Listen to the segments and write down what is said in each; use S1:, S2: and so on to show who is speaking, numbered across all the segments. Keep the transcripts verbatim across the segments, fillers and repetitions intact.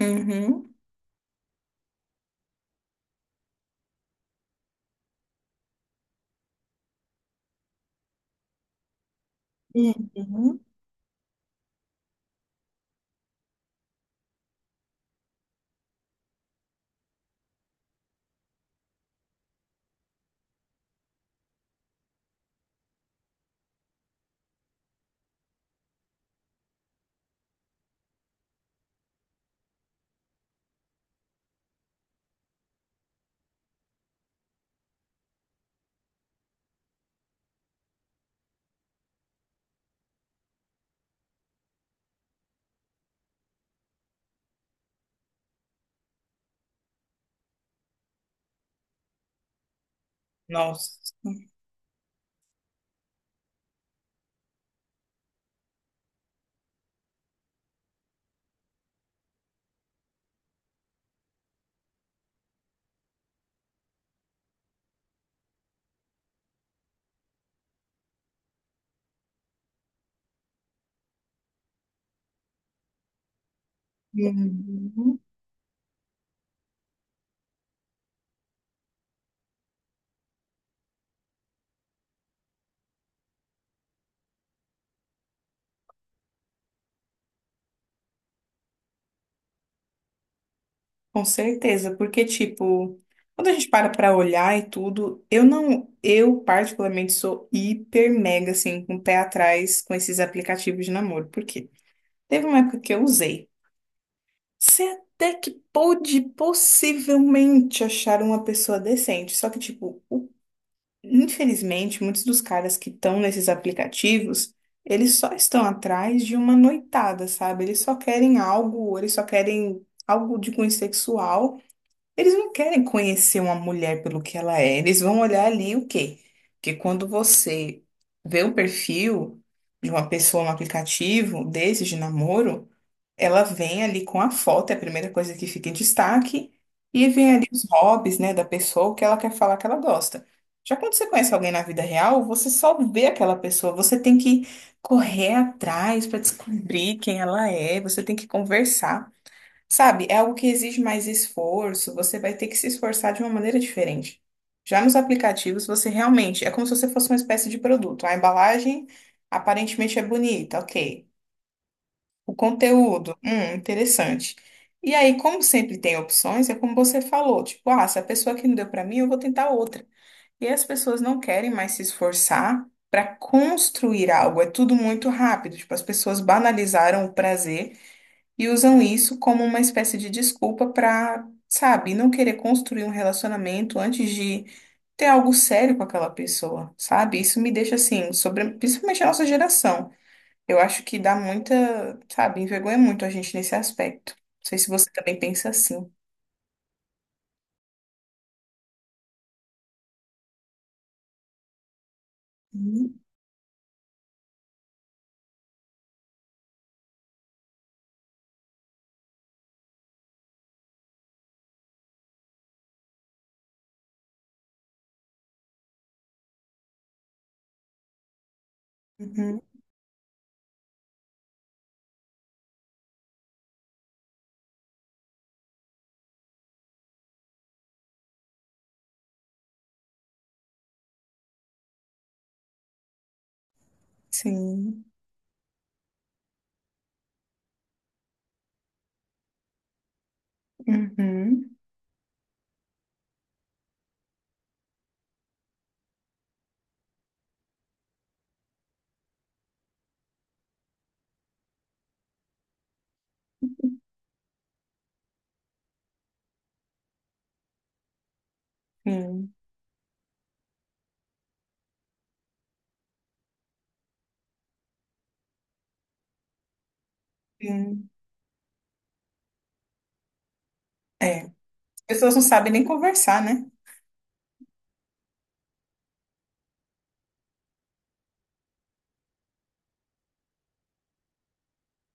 S1: Uhum. Uhum. Nossa. Uhum. Com certeza, porque tipo, quando a gente para pra olhar e tudo, eu não, eu particularmente sou hiper mega assim, com o pé atrás com esses aplicativos de namoro, por quê? Teve uma época que eu usei. Você até que pôde possivelmente achar uma pessoa decente, só que tipo, o infelizmente, muitos dos caras que estão nesses aplicativos, eles só estão atrás de uma noitada, sabe? Eles só querem algo, eles só querem algo de cunho sexual. Eles não querem conhecer uma mulher pelo que ela é. Eles vão olhar ali o quê? Porque quando você vê o perfil de uma pessoa no aplicativo desses de namoro, ela vem ali com a foto, é a primeira coisa que fica em destaque, e vem ali os hobbies, né, da pessoa, o que ela quer falar que ela gosta. Já quando você conhece alguém na vida real, você só vê aquela pessoa, você tem que correr atrás para descobrir quem ela é, você tem que conversar, sabe? É algo que exige mais esforço, você vai ter que se esforçar de uma maneira diferente. Já nos aplicativos, você realmente, é como se você fosse uma espécie de produto. A embalagem aparentemente é bonita, ok. O conteúdo, hum, interessante. E aí, como sempre tem opções, é como você falou, tipo, ah, se a pessoa que não deu para mim, eu vou tentar outra. E as pessoas não querem mais se esforçar para construir algo, é tudo muito rápido. Tipo, as pessoas banalizaram o prazer e usam isso como uma espécie de desculpa para, sabe, não querer construir um relacionamento antes de ter algo sério com aquela pessoa, sabe? Isso me deixa assim, sobre, principalmente a nossa geração. Eu acho que dá muita, sabe, envergonha muito a gente nesse aspecto. Não sei se você também pensa assim. Uhum, uhum, sim. Uhum, sim, sim. É. As pessoas não sabem nem conversar, né?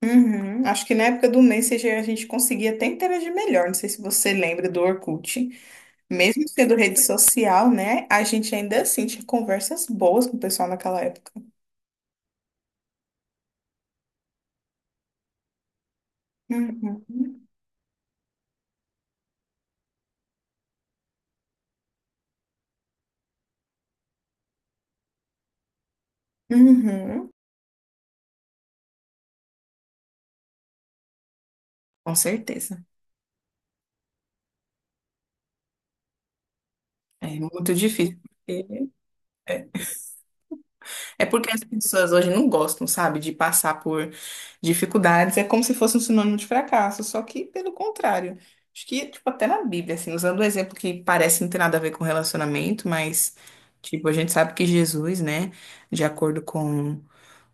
S1: Uhum. Acho que na época do Messenger a gente conseguia até interagir melhor. Não sei se você lembra do Orkut. Mesmo sendo rede social, né? A gente ainda assim tinha conversas boas com o pessoal naquela época. Uhum. Uhum. Com certeza. É muito difícil. É porque as pessoas hoje não gostam, sabe, de passar por dificuldades. É como se fosse um sinônimo de fracasso, só que pelo contrário. Acho que, tipo, até na Bíblia, assim, usando um exemplo que parece não ter nada a ver com relacionamento, mas, tipo, a gente sabe que Jesus, né, de acordo com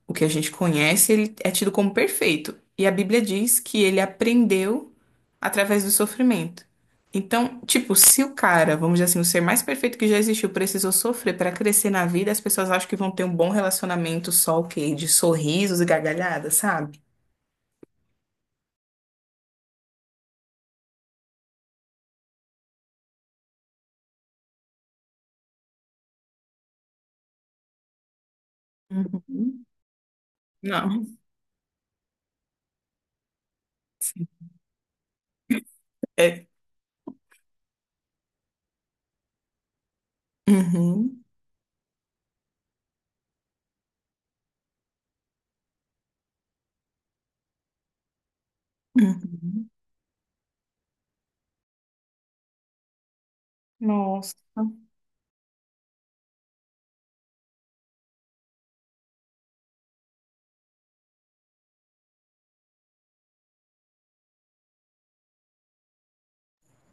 S1: o que a gente conhece, ele é tido como perfeito. E a Bíblia diz que ele aprendeu através do sofrimento. Então, tipo, se o cara, vamos dizer assim, o ser mais perfeito que já existiu, precisou sofrer para crescer na vida, as pessoas acham que vão ter um bom relacionamento só o quê? De sorrisos e gargalhadas, sabe? Uhum. Não. É. Uhum. Uhum. Nossa.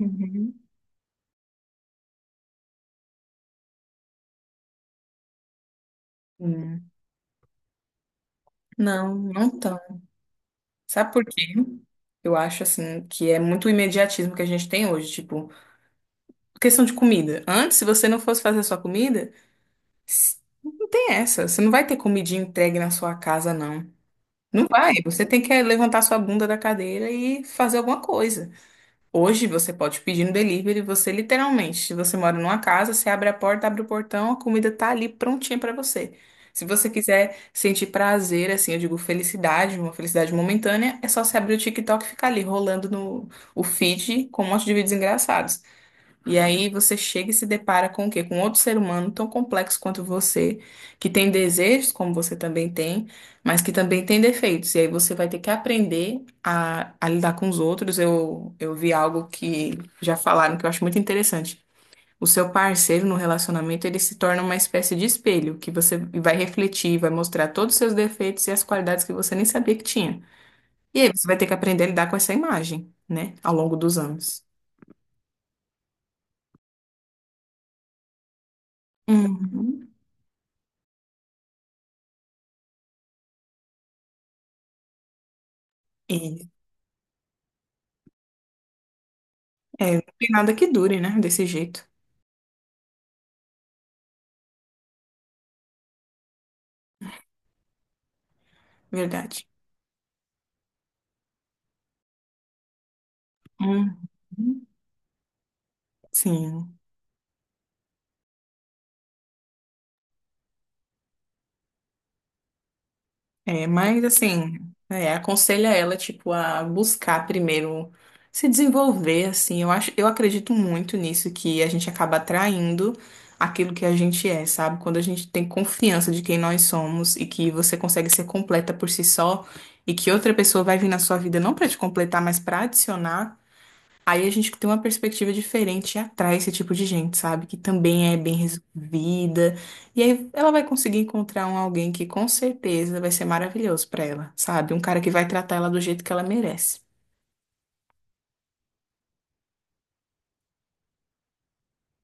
S1: Uhum. Hum. Não, não tão. Sabe por quê? Eu acho assim que é muito imediatismo que a gente tem hoje, tipo, questão de comida. Antes, se você não fosse fazer sua comida, s- não tem essa. Você não vai ter comidinha entregue na sua casa, não. Não vai. Você tem que é, levantar sua bunda da cadeira e fazer alguma coisa. Hoje você pode pedir no delivery, você literalmente, se você mora numa casa, você abre a porta, abre o portão, a comida tá ali prontinha pra você. Se você quiser sentir prazer, assim, eu digo felicidade, uma felicidade momentânea, é só você abrir o TikTok e ficar ali rolando no o feed com um monte de vídeos engraçados. E aí você chega e se depara com o quê? Com outro ser humano tão complexo quanto você, que tem desejos, como você também tem, mas que também tem defeitos. E aí você vai ter que aprender a, a lidar com os outros. Eu, eu vi algo que já falaram que eu acho muito interessante. O seu parceiro no relacionamento, ele se torna uma espécie de espelho, que você vai refletir, vai mostrar todos os seus defeitos e as qualidades que você nem sabia que tinha. E aí você vai ter que aprender a lidar com essa imagem, né, ao longo dos anos. Uhum. É, não tem nada que dure, né? Desse jeito. Verdade. Uhum. Sim. É, mas assim, é, aconselho a ela, tipo, a buscar primeiro se desenvolver, assim. Eu acho, eu acredito muito nisso, que a gente acaba atraindo aquilo que a gente é, sabe? Quando a gente tem confiança de quem nós somos e que você consegue ser completa por si só e que outra pessoa vai vir na sua vida não pra te completar, mas pra adicionar. Aí a gente tem uma perspectiva diferente e atrai esse tipo de gente, sabe? Que também é bem resolvida. E aí ela vai conseguir encontrar um alguém que com certeza vai ser maravilhoso pra ela, sabe? Um cara que vai tratar ela do jeito que ela merece.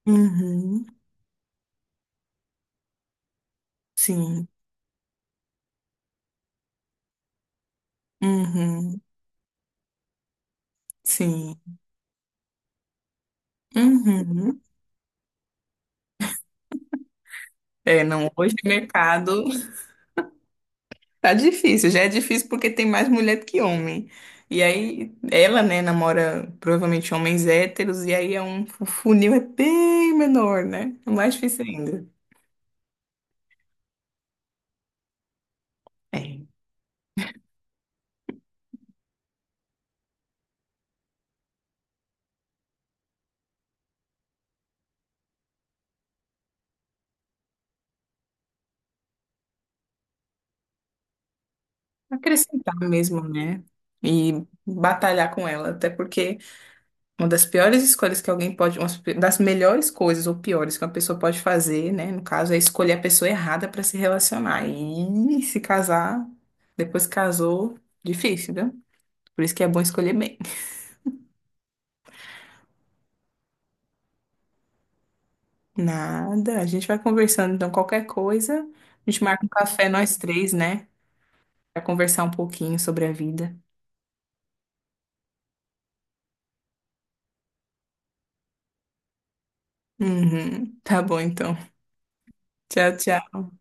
S1: Uhum, sim. Uhum, sim. Uhum. É, não, hoje o mercado. Tá difícil, já é difícil porque tem mais mulher do que homem. E aí, ela, né, namora provavelmente homens héteros, e aí é um o funil é bem menor, né? É mais difícil ainda. É, acrescentar mesmo, né? E batalhar com ela, até porque uma das piores escolhas que alguém pode, uma das melhores coisas ou piores que uma pessoa pode fazer, né, no caso, é escolher a pessoa errada para se relacionar. E se casar, depois que casou, difícil, né? Por isso que é bom escolher bem. Nada. A gente vai conversando, então, qualquer coisa, a gente marca um café nós três, né? Pra conversar um pouquinho sobre a vida. Uhum. Tá bom, então. Tchau, tchau.